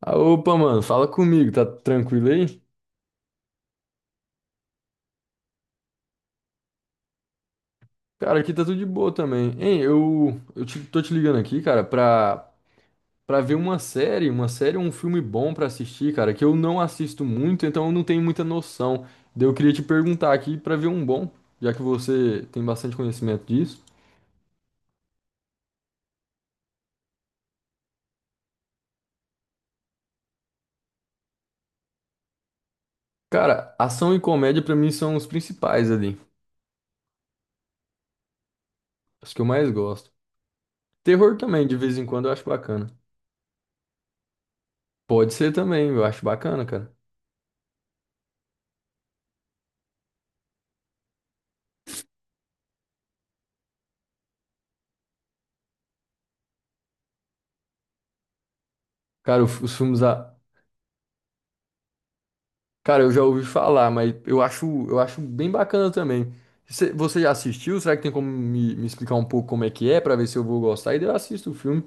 Ah, opa, mano, fala comigo, tá tranquilo aí? Cara, aqui tá tudo de boa também. Hein, tô te ligando aqui, cara, pra ver uma série ou um filme bom pra assistir, cara, que eu não assisto muito, então eu não tenho muita noção. Daí eu queria te perguntar aqui pra ver um bom, já que você tem bastante conhecimento disso. Cara, ação e comédia pra mim são os principais ali, os que eu mais gosto. Terror também, de vez em quando, eu acho bacana. Pode ser também, eu acho bacana, cara. Cara, os filmes. A cara, eu já ouvi falar, mas eu acho bem bacana também. Você já assistiu? Será que tem como me explicar um pouco como é que é, pra ver se eu vou gostar? E daí eu assisto o filme.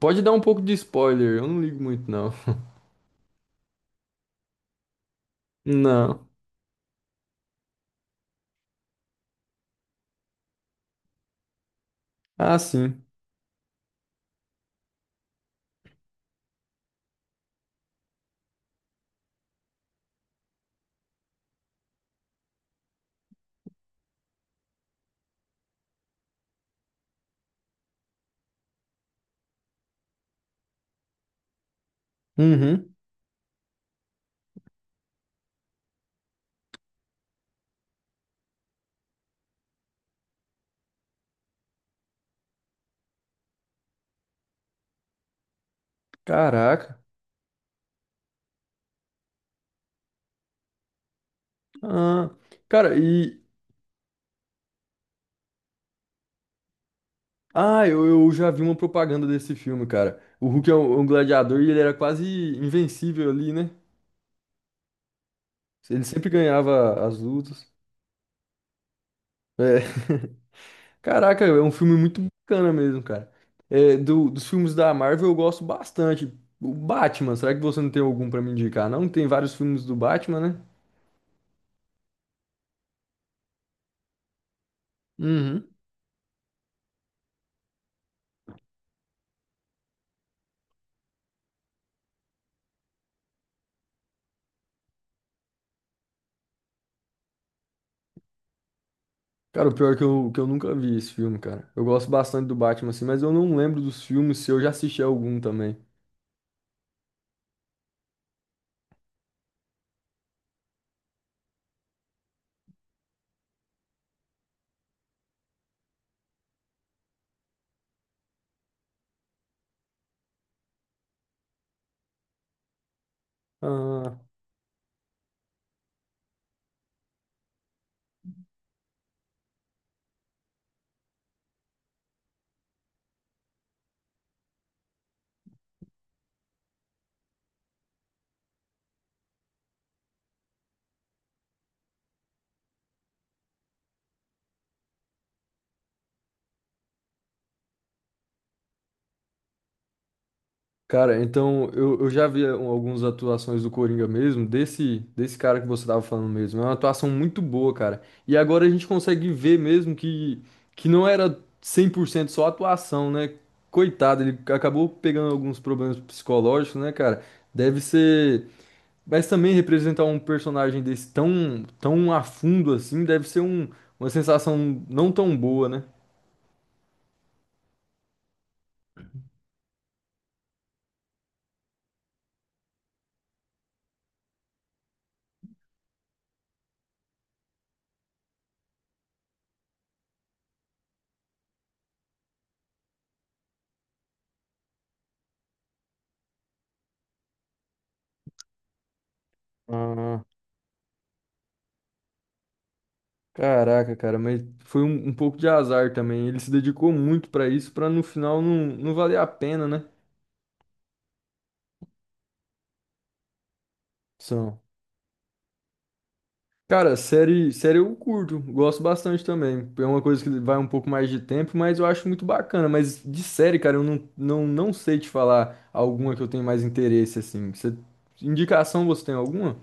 Pode dar um pouco de spoiler, eu não ligo muito, não. Não. Ah, sim. Uhum. Caraca. Ah, cara, e. Ah, eu já vi uma propaganda desse filme, cara. O Hulk é um, um gladiador e ele era quase invencível ali, né? Ele sempre ganhava as lutas. É. Caraca, é um filme muito bacana mesmo, cara. É, dos filmes da Marvel eu gosto bastante. O Batman, será que você não tem algum pra me indicar? Não, tem vários filmes do Batman, né? Uhum. Cara, o pior é que eu nunca vi esse filme, cara. Eu gosto bastante do Batman, assim, mas eu não lembro dos filmes se eu já assisti algum também. Ah. Cara, então eu já vi um- algumas atuações do Coringa mesmo, desse cara que você tava falando mesmo. É uma atuação muito boa, cara. E agora a gente consegue ver mesmo que não era 100% só atuação, né? Coitado, ele acabou pegando alguns problemas psicológicos, né, cara? Deve ser. Mas também representar um personagem desse tão, tão a fundo assim, deve ser um, uma sensação não tão boa, né? Caraca, cara, mas foi um, um pouco de azar também. Ele se dedicou muito pra isso, pra no final não valer a pena, né? São. Cara, série, série eu curto, gosto bastante também. É uma coisa que vai um pouco mais de tempo, mas eu acho muito bacana. Mas de série, cara, eu não, não, não sei te falar alguma que eu tenho mais interesse, assim. Você- indicação você tem alguma?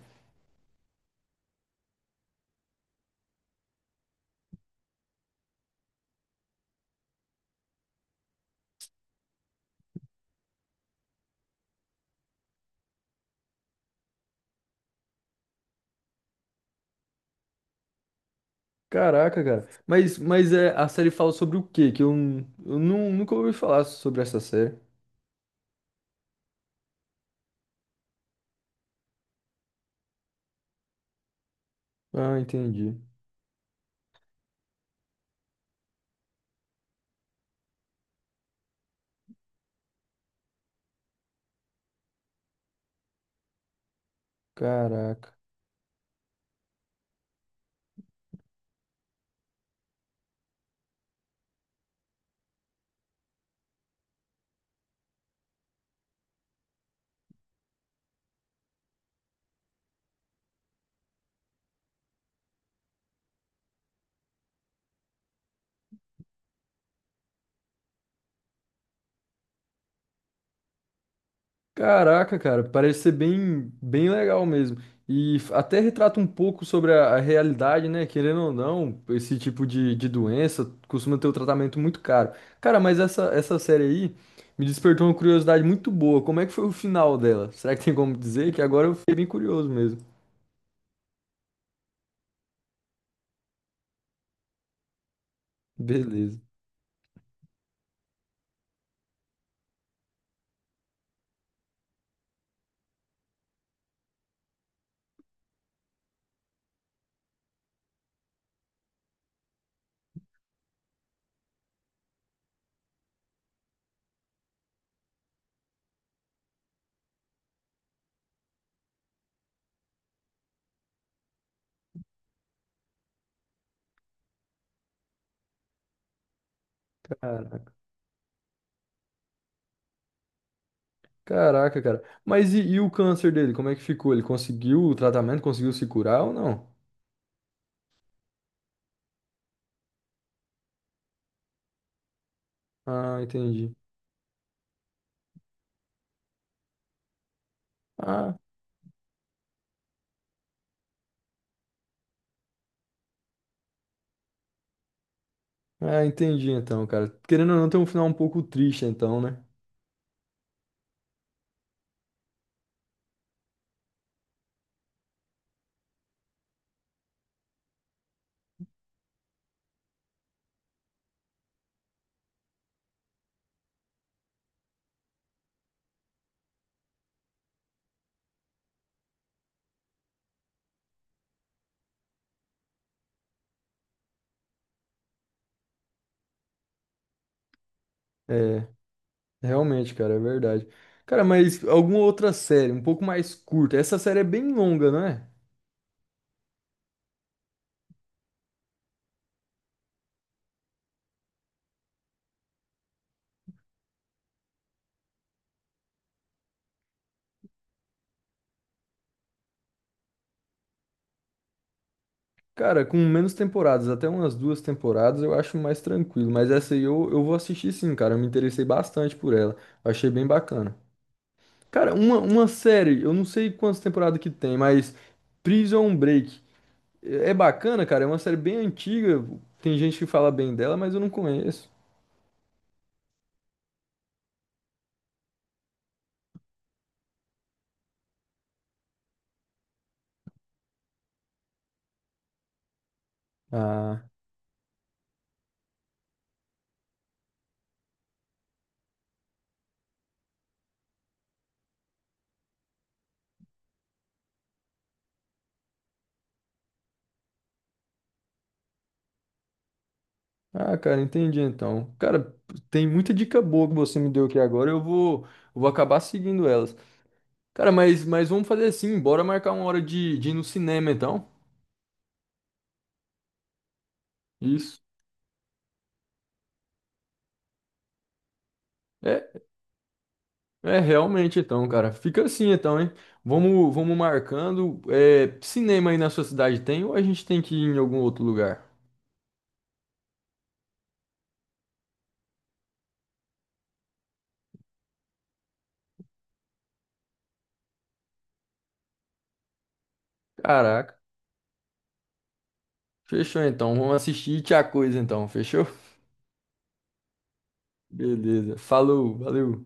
Caraca, cara. Mas é, a série fala sobre o quê? Que nunca ouvi falar sobre essa série. Ah, entendi. Caraca. Caraca, cara, parece ser bem, bem legal mesmo. E f- até retrata um pouco sobre a realidade, né? Querendo ou não, esse tipo de doença costuma ter um tratamento muito caro. Cara, mas essa série aí me despertou uma curiosidade muito boa. Como é que foi o final dela? Será que tem como dizer? Que agora eu fiquei bem curioso mesmo. Beleza. Cara- Caraca, cara. Mas e o câncer dele? Como é que ficou? Ele conseguiu o tratamento? Conseguiu se curar ou não? Ah, entendi. Ah. Ah, entendi então, cara. Querendo ou não, tem um final um pouco triste então, né? É, realmente, cara, é verdade. Cara, mas alguma outra série, um pouco mais curta. Essa série é bem longa, não é? Cara, com menos temporadas, até umas duas temporadas, eu acho mais tranquilo. Mas essa aí eu vou assistir sim, cara. Eu me interessei bastante por ela. Eu achei bem bacana. Cara, uma série, eu não sei quantas temporadas que tem, mas Prison Break. É bacana, cara. É uma série bem antiga. Tem gente que fala bem dela, mas eu não conheço. Ah. Ah, cara, entendi então. Cara, tem muita dica boa que você me deu aqui agora. Eu vou acabar seguindo elas. Cara, mas vamos fazer assim, bora marcar uma hora de ir no cinema então. Isso. É, é realmente então, cara. Fica assim então, hein? Vamos marcando. É, cinema aí na sua cidade tem ou a gente tem que ir em algum outro lugar? Caraca. Fechou então. Vamos assistir Tia Coisa então, fechou? Beleza. Falou, valeu.